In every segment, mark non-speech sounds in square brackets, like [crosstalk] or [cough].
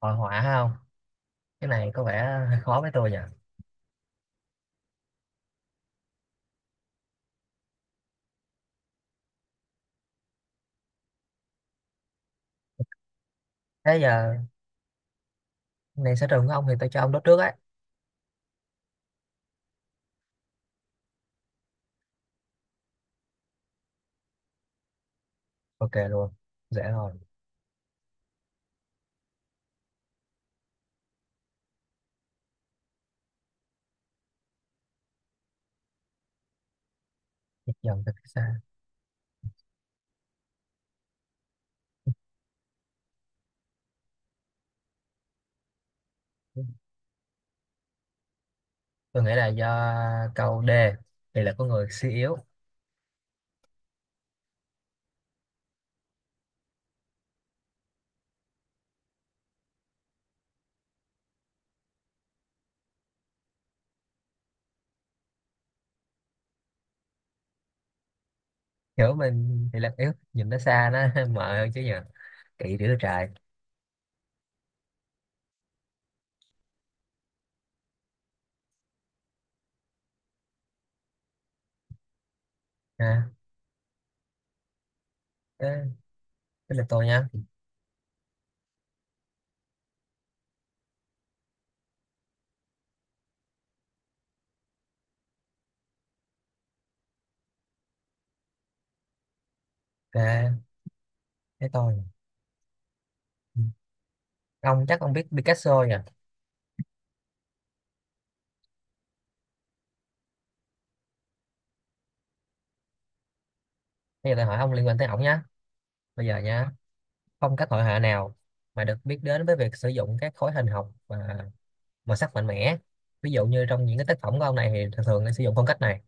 Hội họa hay không? Cái này có vẻ hơi khó với tôi nhỉ. Thế giờ này sở trường của ông thì tôi cho ông đốt trước ấy. Ok luôn, dễ rồi. Dần dần từ phía xa. Tôi nghĩ là do câu D, thì là có người suy yếu. Hiểu mình thì là yếu, nhìn nó xa nó [laughs] mờ hơn chứ nhỉ. Kỵ đứa trời. Ha. Thế, thế là tôi nha. Ok, thế tôi. Ông ông biết Picasso nhỉ. Bây giờ tôi hỏi ông liên quan tới ổng nhá. Bây giờ nha, phong cách hội họa nào mà được biết đến với việc sử dụng các khối hình học và màu sắc mạnh mẽ, ví dụ như trong những cái tác phẩm của ông này thì thường thường sẽ sử dụng phong cách này.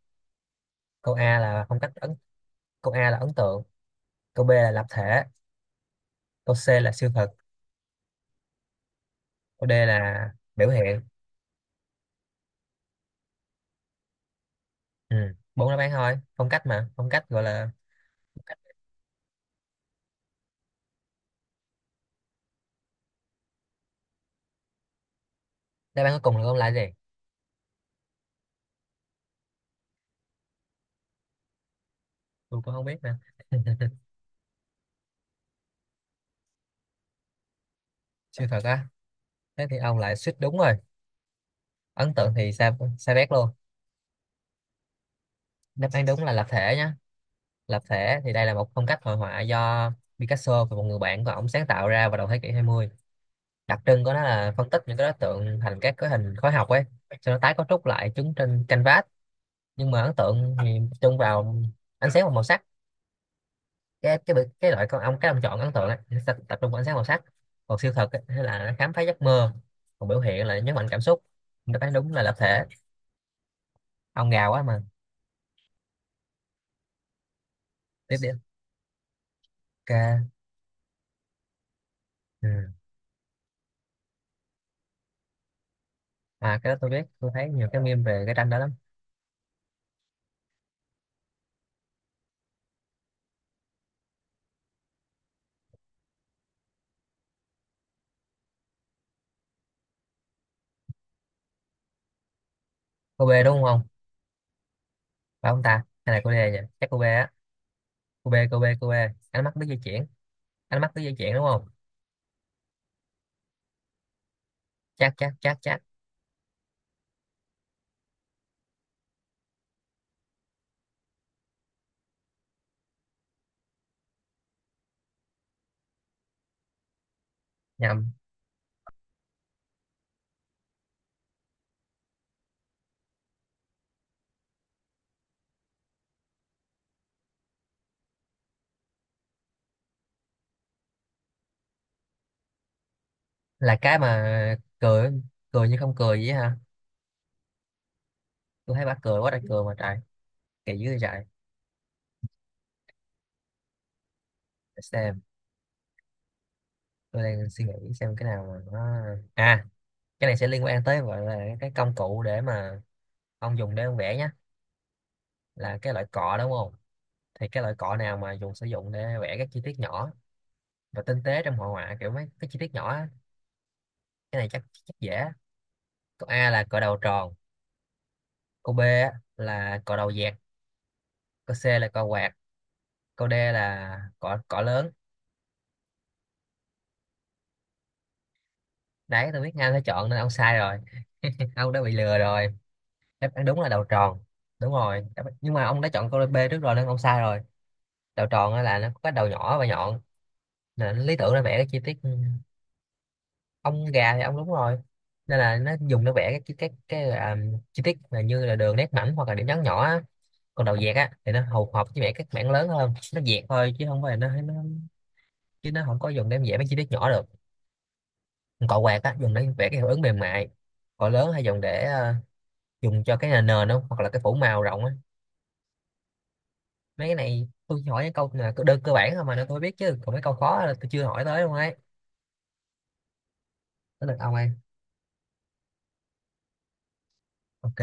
Câu A là phong cách ấn. Câu A là ấn tượng, câu B là lập thể, câu C là siêu thực, câu D là biểu hiện. Ừ, bốn đáp án thôi. Phong cách mà phong cách gọi là đáp án cuối cùng là ông lại gì. Tôi cũng không biết nữa. [laughs] Siêu thực á? Thế thì ông lại suýt đúng rồi. Ấn tượng thì sai, sai bét luôn. Đáp án đúng là lập thể nhá. Lập thể thì đây là một phong cách hội họa do Picasso và một người bạn của ông sáng tạo ra vào đầu thế kỷ 20. Đặc trưng của nó là phân tích những cái đối tượng thành các cái hình khối học ấy, sau đó tái cấu trúc lại chúng trên canvas. Nhưng mà ấn tượng thì tập trung vào ánh sáng và màu sắc. Cái cái cái loại con ong, cái ông chọn ấn tượng ấy, nó sẽ tập trung vào ánh sáng màu sắc. Còn siêu thực ấy, hay là nó khám phá giấc mơ. Còn biểu hiện là nhấn mạnh cảm xúc. Nó thấy đúng là lập thể. Ông gà quá mà. Tiếp đi. Ok. Ừ. À, cái đó tôi biết, tôi thấy nhiều cái meme về cái tranh đó lắm. Cô bê đúng không? Phải ông ta hay là cô đê nhỉ? Chắc cô bê á. Cô bê, cô bê, cô bê, ánh mắt biết di chuyển. Ánh mắt biết di chuyển đúng không? Chắc chắc chắc chắc. Nhầm. Là cái mà cười, cười như không cười vậy hả? Tôi thấy bà cười quá trời, cười mà trời kỳ dữ vậy trời. Để xem, tôi đang suy nghĩ xem cái nào mà nó. À, cái này sẽ liên quan tới gọi là cái công cụ để mà ông dùng để ông vẽ nhá. Là cái loại cọ đúng không? Thì cái loại cọ nào mà dùng sử dụng để vẽ các chi tiết nhỏ và tinh tế trong hội họa, kiểu mấy cái chi tiết nhỏ á. Cái này chắc chắc dễ. Câu A là cọ đầu tròn, câu B á là cọ đầu dẹt, câu C là cọ quạt, câu D là cọ cọ lớn. Đấy, tôi biết ngay phải chọn, nên ông sai rồi, ông đã bị lừa rồi. Đáp án đúng là đầu tròn. Đúng rồi. Đáp- nhưng mà ông đã chọn câu B trước rồi nên ông sai rồi. Đầu tròn á là nó có cái đầu nhỏ và nhọn, nên nó lý tưởng để vẽ cái chi tiết. Ừ, ông gà thì ông đúng rồi. Nên là nó dùng để vẽ cái chi tiết, là như là đường nét mảnh hoặc là điểm nhấn nhỏ á. Còn đầu dẹt á thì nó hầu hợp với vẽ các mảng lớn hơn, nó dẹt thôi chứ không phải là nó. Chứ nó không có dùng để vẽ mấy chi tiết nhỏ được. Còn cọ quạt á dùng để vẽ cái hiệu ứng mềm mại. Cọ lớn hay dùng để dùng cho cái nền nền không, hoặc là cái phủ màu rộng á. Mấy cái này tôi chỉ hỏi những câu là đơn cơ bản thôi mà nó tôi biết, chứ còn mấy câu khó là tôi chưa hỏi tới luôn ấy. Tới lượt ông ấy. Ok.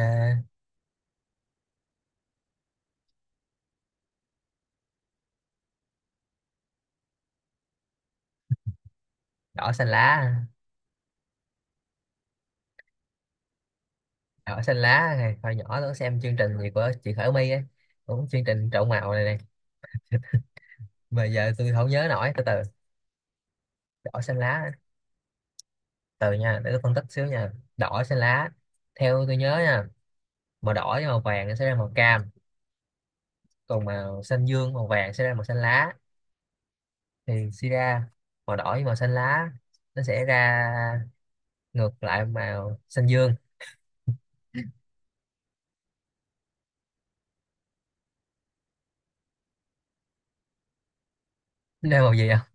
Đỏ xanh lá. Đỏ xanh lá này, hồi nhỏ tôi xem chương trình gì của chị Khởi My ấy, cũng chương trình trộn màu này này, mà giờ tôi không nhớ nổi. Từ từ đỏ xanh lá. Từ nha, để tôi phân tích xíu nha. Đỏ xanh lá, theo tôi nhớ nha, màu đỏ với màu vàng sẽ ra màu cam, còn màu xanh dương màu vàng sẽ ra màu xanh lá, thì suy ra màu đỏ với màu xanh lá nó sẽ ra ngược lại màu xanh dương. Nên màu gì à?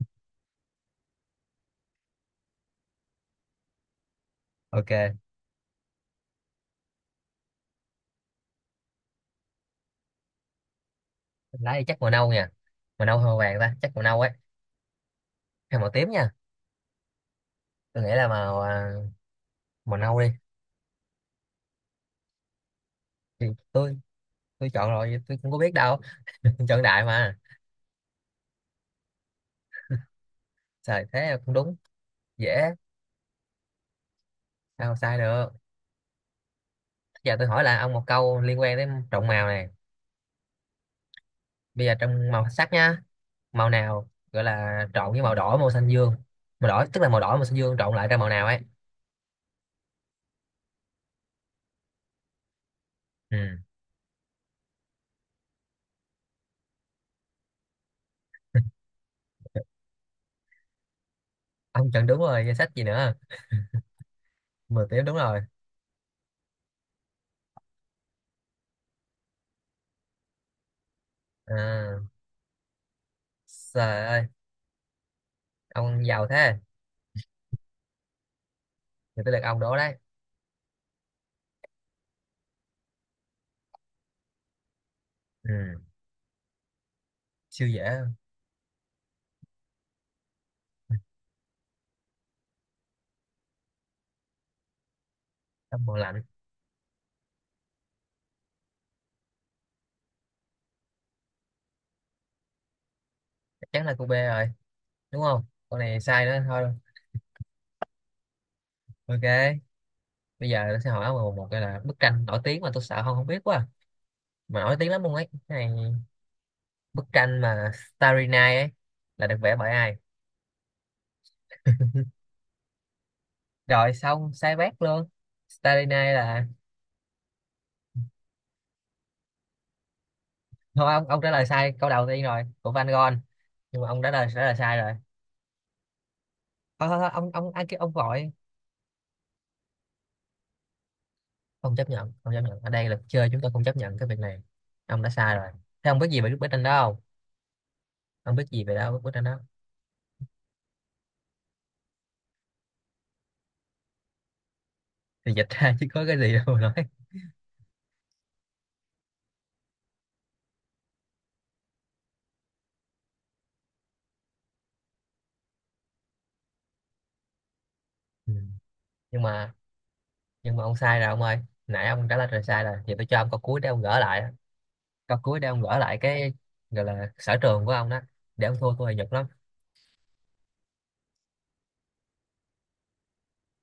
Ok, lá thì chắc màu nâu nha. Màu nâu hay màu vàng ta? Chắc màu nâu ấy. Hay màu tím nha. Tôi nghĩ là màu nâu đi. Thì tôi chọn rồi, vậy tôi không có biết đâu. [laughs] Chọn đại mà. Trời thế không đúng. Dễ, sao mà sai được. Giờ tôi hỏi là ông một câu liên quan đến trộn màu này. Bây giờ trong màu sắc nha, màu nào gọi là trộn với màu đỏ, màu xanh dương. Màu đỏ tức là màu đỏ, màu xanh dương trộn lại ra màu nào ấy. Ừ. Ông chọn đúng rồi, danh sách gì nữa? Màu tím đúng rồi. À, trời ơi, ông giàu thế. Thì tôi được ông đố đấy. Ừ. Siêu dễ. Tắm mùa lạnh. Chắc chắn là cô B rồi, đúng không? Con này sai đó thôi. Ok, bây giờ tôi sẽ hỏi một cái là bức tranh nổi tiếng mà tôi sợ không không biết quá à. Mà nổi tiếng lắm luôn ấy cái này. Bức tranh mà Starry Night ấy là được vẽ bởi ai? Rồi xong, sai bét luôn. Starry Night là. Thôi ông trả lời sai câu đầu tiên rồi, của Van Gogh, nhưng mà ông đã lời trả lời sai rồi. Thôi ông, ai kêu ông vội. Không chấp nhận, không chấp nhận, ở đây là chơi chúng tôi không chấp nhận cái việc này. Ông đã sai rồi. Thế ông biết gì về bức tranh đó không? Không biết gì về đâu bức tranh đó. Thì dịch ra chứ có cái gì đâu mà nói. Ừ. nhưng mà nhưng mà ông sai rồi ông ơi. Nãy ông trả lời rồi sai rồi thì tôi cho ông câu cuối để ông gỡ lại. Câu cuối để ông gỡ lại cái gọi là sở trường của ông đó, để ông thua tôi thì nhục lắm.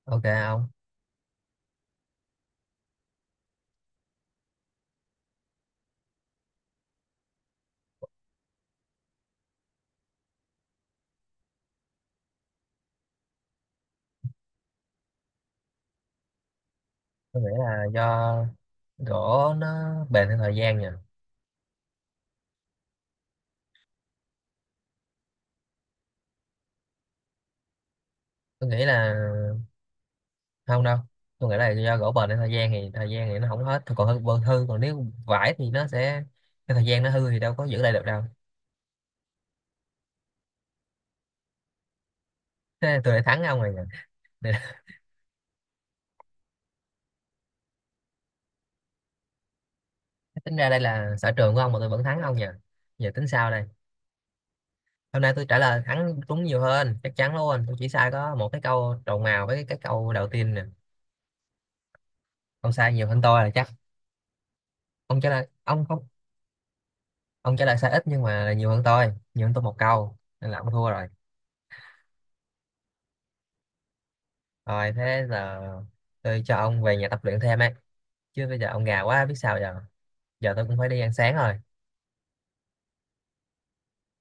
Ok ông. Tôi nghĩ là do gỗ nó bền theo thời gian nha. Tôi nghĩ là không đâu, tôi nghĩ là do gỗ bền theo thời gian, thì thời gian thì nó không hết còn hư bờ hư, còn nếu vải thì nó sẽ, cái thời gian nó hư thì đâu có giữ lại được đâu. Thế tôi lại thắng ông rồi nhỉ. Tính ra đây là sở trường của ông mà tôi vẫn thắng ông nhỉ. Giờ tính sao đây? Hôm nay tôi trả lời thắng đúng nhiều hơn, chắc chắn luôn, tôi chỉ sai có một cái câu trầu mào với cái câu đầu tiên nè. Ông sai nhiều hơn tôi là chắc. Ông trả lời ông không. Ông trả lời sai ít nhưng mà là nhiều hơn tôi, nhiều hơn tôi một câu, nên là ông thua rồi. Rồi thế giờ tôi cho ông về nhà tập luyện thêm ấy, chứ bây giờ ông gà quá biết sao giờ. Giờ tôi cũng phải đi ăn sáng rồi.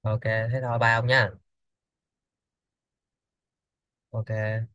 Ok thế thôi, bye ông nha. Ok.